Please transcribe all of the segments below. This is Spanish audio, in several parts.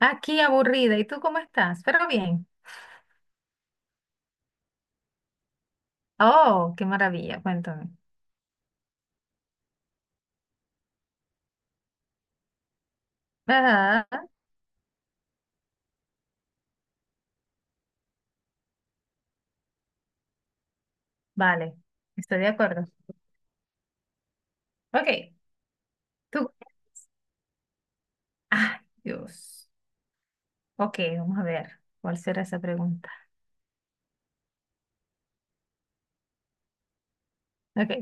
Aquí aburrida. ¿Y tú cómo estás? Pero bien. Oh, qué maravilla. Cuéntame. Ajá. Vale. Estoy de acuerdo. Ok. Tú. Ay, Dios. Ok, vamos a ver. ¿Cuál será esa pregunta? Ok.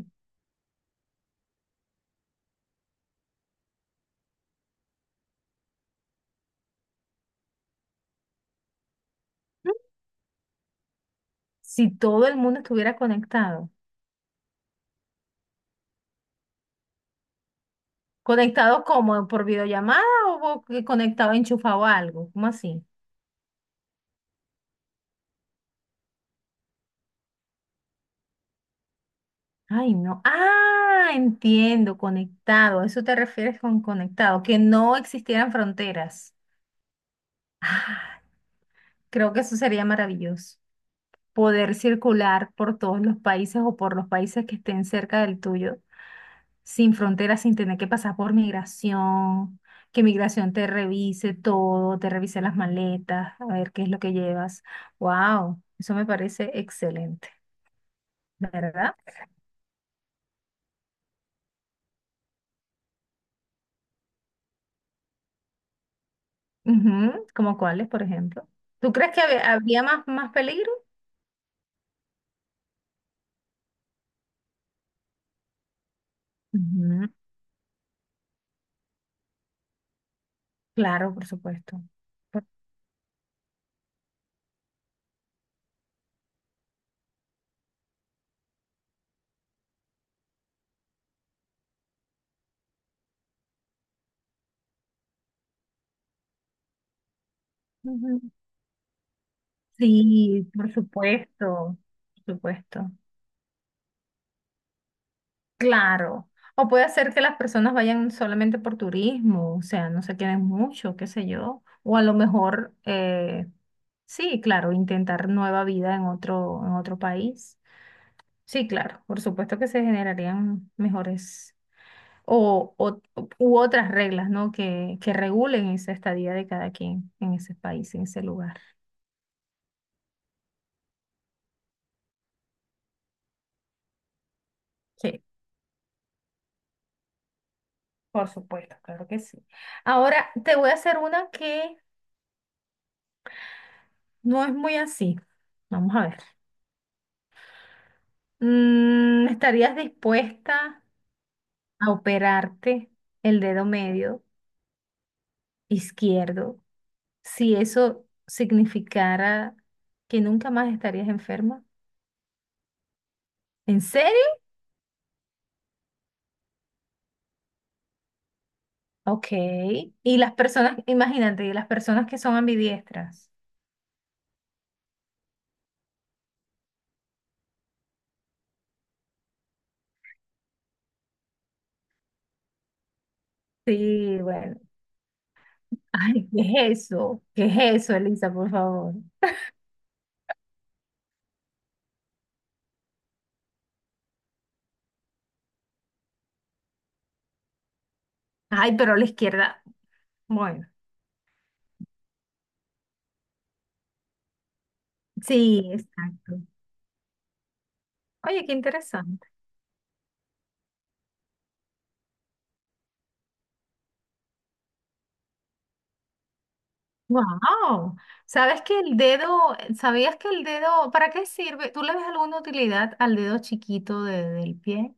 Si todo el mundo estuviera conectado. ¿Conectado como? ¿Por videollamada o por- conectado enchufado a algo? ¿Cómo así? Ay, no. Ah, entiendo. Conectado. ¿A eso te refieres con conectado? Que no existieran fronteras. Ah, creo que eso sería maravilloso. Poder circular por todos los países o por los países que estén cerca del tuyo, sin fronteras, sin tener que pasar por migración, que migración te revise todo, te revise las maletas, a ver qué es lo que llevas. Wow, eso me parece excelente, ¿verdad? Ujú, como cuáles, por ejemplo. ¿Tú crees que habría más peligro? Ujú, claro, por supuesto. Por- ujú. Sí, por supuesto, por supuesto. Claro. O puede ser que las personas vayan solamente por turismo, o sea, no se queden mucho, qué sé yo. O a lo mejor, sí, claro, intentar nueva vida en otro país. Sí, claro, por supuesto que se generarían mejores o, u otras reglas, ¿no? Que regulen esa estadía de cada quien en ese país, en ese lugar. Sí, por supuesto, claro que sí. Ahora te voy a hacer una que no es muy así. Vamos a ver. ¿Estarías dispuesta a operarte el dedo medio izquierdo si eso significara que nunca más estarías enferma? ¿En serio? Ok. Y las personas, imagínate, y las personas que son ambidiestras. Sí, bueno. Ay, ¿qué es eso? ¿Qué es eso, Elisa, por favor? Ay, pero la izquierda, bueno. Sí, exacto. Oye, qué interesante. Wow, ¿sabes que el dedo, sabías que el dedo, ¿para qué sirve? ¿Tú le ves alguna utilidad al dedo chiquito del pie?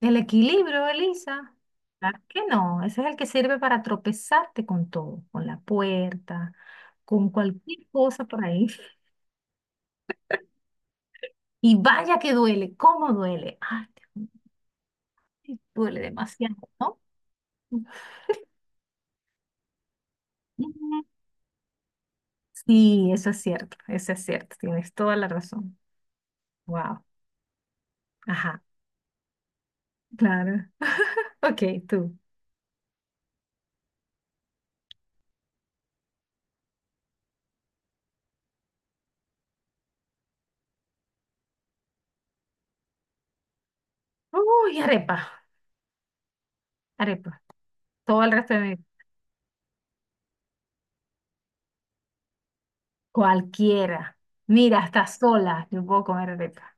El equilibrio, Elisa. Claro que no, ese es el que sirve para tropezarte con todo, con la puerta, con cualquier cosa por ahí. Y vaya que duele, ¿cómo duele? Ay, Dios mío, duele demasiado, ¿no? Ujú. Sí, eso es cierto, tienes toda la razón. Wow, ajá, claro. Ok, tú. Uy, arepa, arepa. Todo el resto de mi... Cualquiera. Mira, hasta sola yo puedo comer arepa.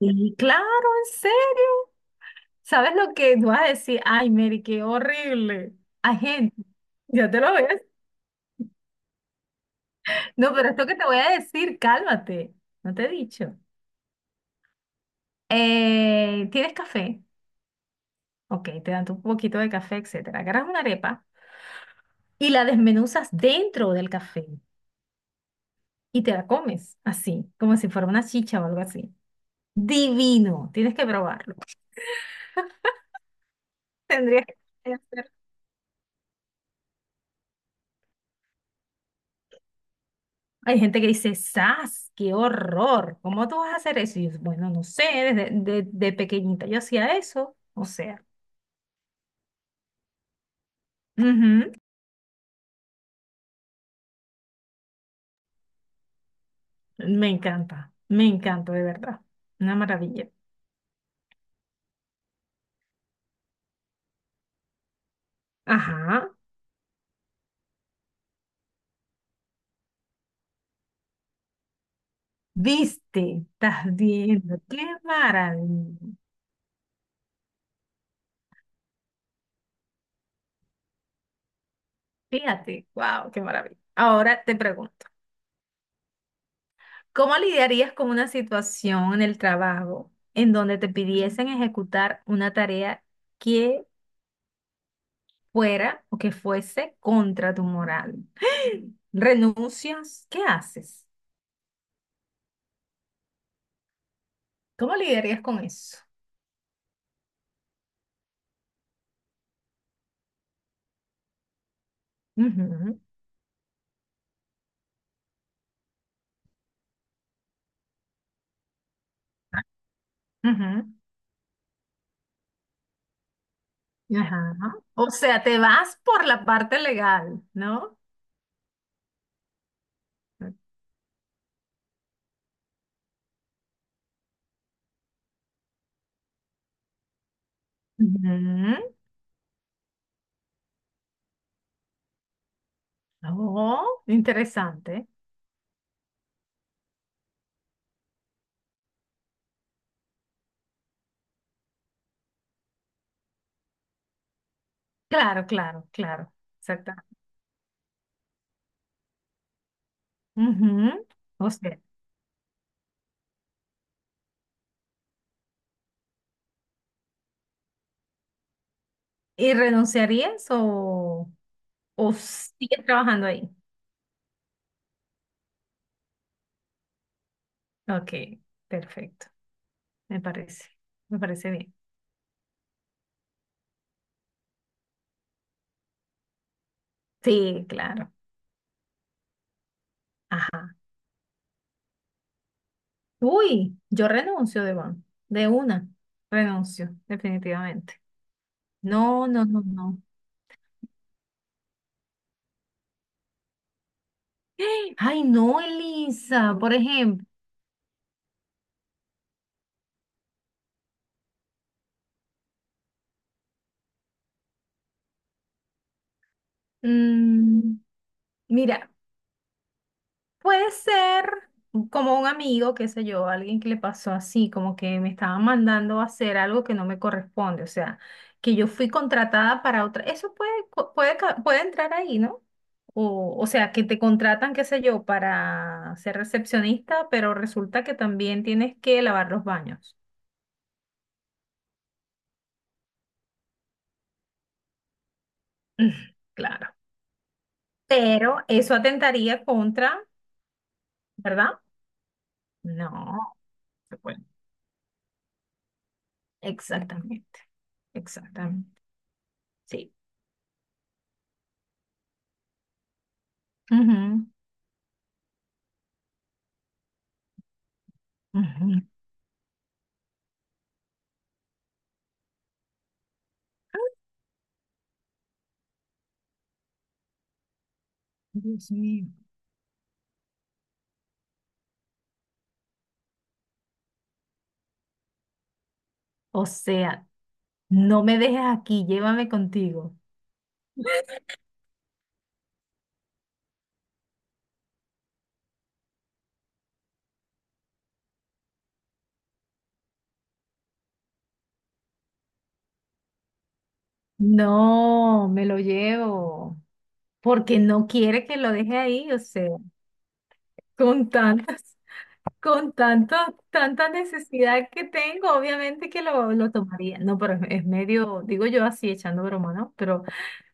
Y claro, en serio. ¿Sabes lo que tú vas a decir? Ay, Mary, qué horrible. Hay gente. Ya te lo ves. No, pero esto que te voy a decir, cálmate. No te he dicho. ¿Tienes café? Ok, te dan tu poquito de café, etcétera. Agarras una arepa y la desmenuzas dentro del café y te la comes así, como si fuera una chicha o algo así. Divino, tienes que probarlo. Tendrías que hacer. Hay gente que dice, ¡zas! ¡Qué horror! ¿Cómo tú vas a hacer eso? Y yo, bueno, no sé, desde de pequeñita yo hacía eso. O sea, ujú, me encanta, me encanta, de verdad. Una maravilla. Ajá, viste, estás viendo, qué maravilla. Fíjate, wow, qué maravilla. Ahora te pregunto. ¿Cómo lidiarías con una situación en el trabajo en donde te pidiesen ejecutar una tarea que fuera o que fuese contra tu moral? ¿Renuncias? ¿Qué haces? ¿Cómo lidiarías con eso? Ujú, ujú, ajá. O sea, te vas por la parte legal, ¿no? Ujú. Oh, interesante. Claro, claro, claro. Exactamente. Ujú. O sea, ¿y renunciarías o...? ¿O sigues trabajando ahí? Ok, perfecto. Me parece. Me parece bien. Sí, claro. Ajá. Uy, yo renuncio, Devon. De una. Renuncio, definitivamente. No, no, no, no. Ay, no, Elisa, por ejemplo. Mm, Mira. Puede ser como un amigo, qué sé yo, alguien que le pasó así, como que me estaban mandando a hacer algo que no me corresponde, o sea, que yo fui contratada para otra. Eso puede, co- puede, ca- puede entrar ahí, ¿no? O sea, que te contratan, qué sé yo, para ser recepcionista, pero resulta que también tienes que lavar los baños. Mm, claro. Pero eso atentaría contra, ¿verdad? No. Se puede. Exactamente, exactamente. Sí. Ajá, Dios mío. O sea, no me dejes aquí, llévame contigo. No, me lo llevo, porque no quiere que lo deje ahí, o sea, con tantas, con tanto, tanta necesidad que tengo, obviamente que lo tomaría. No, pero es medio, digo yo así, echando broma, ¿no? Pero,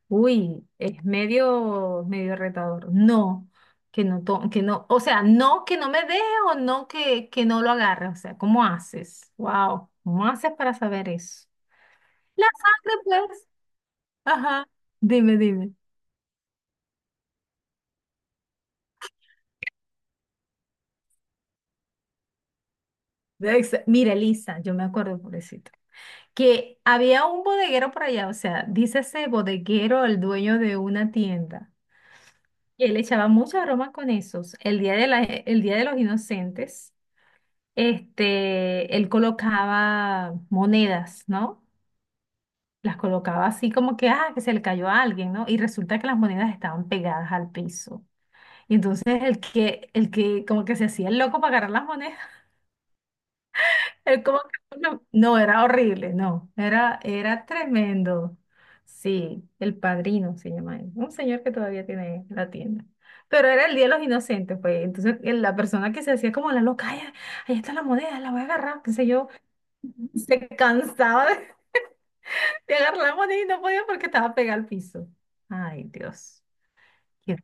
uy, es medio, medio retador. No, que no, que no, o sea, no que no me deje o no que no lo agarre. O sea, ¿cómo haces? Wow, ¿cómo haces para saber eso? La sangre, pues. Ajá. Dime, dime. Mira, Elisa, yo me acuerdo, pobrecito, que había un bodeguero por allá, o sea, dice ese bodeguero, el dueño de una tienda. Y él echaba mucha broma con esos. El día de los inocentes. Él colocaba monedas, ¿no? Las colocaba así como que, ah, que se le cayó a alguien, ¿no? Y resulta que las monedas estaban pegadas al piso. Y entonces el que como que se hacía el loco para agarrar las monedas, él como que, no, no, era horrible, no, era tremendo. Sí, El Padrino se llama él, un señor que todavía tiene la tienda. Pero era el Día de los Inocentes, pues. Entonces, la persona que se hacía como la loca, "Ay, ahí está la moneda, la voy a agarrar, qué sé yo. Se cansaba de de agarrar la moneda y no podía porque estaba pegada al piso. Ay, Dios. Qué-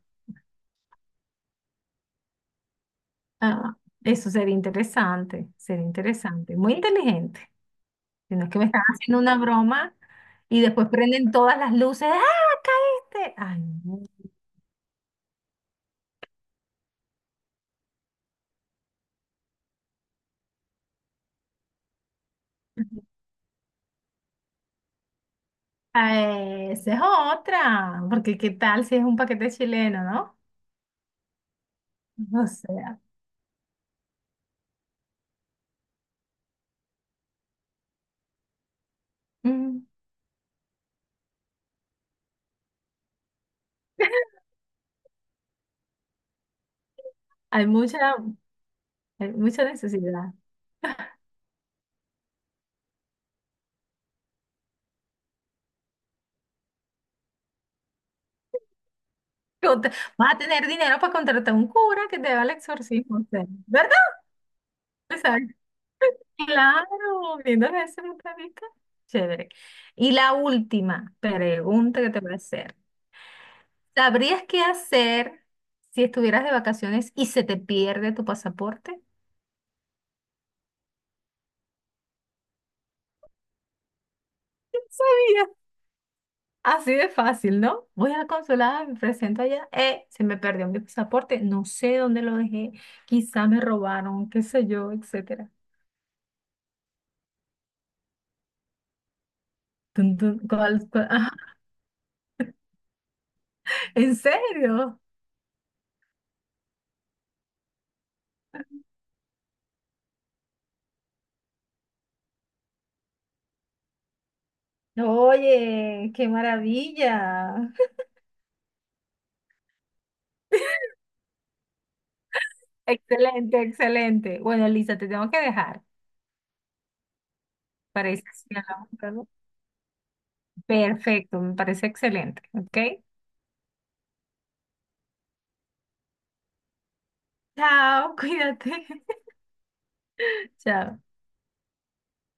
Ah, eso sería interesante, sería interesante. Muy inteligente. Si no es que me están haciendo una broma y después prenden todas las luces. ¡Ah, caíste! Ay, no. Ah, esa es otra. Porque qué tal si es un paquete chileno, ¿no? O sea, mm, hay mucha, hay mucha necesidad. Contra- Vas a tener dinero para contratar un cura que te haga el exorcismo, o sea, ¿verdad? Exacto. Claro, viéndolo desde ese punto de vista, chévere. Y la última pregunta que te voy a hacer. ¿Sabrías qué hacer si estuvieras de vacaciones y se te pierde tu pasaporte? Mira, así de fácil, ¿no? Voy a la consulada, me presento allá, se me perdió mi pasaporte, no sé dónde lo dejé, quizá me robaron, qué sé yo, etcétera. Tun, tun, cuál? Ajá, ¿en serio? Oye, qué maravilla. Excelente, excelente. Bueno, Lisa, te tengo que dejar. Parece que hablamos luego. Perfecto, me parece excelente. ¿Ok? Chao, cuídate. Chao.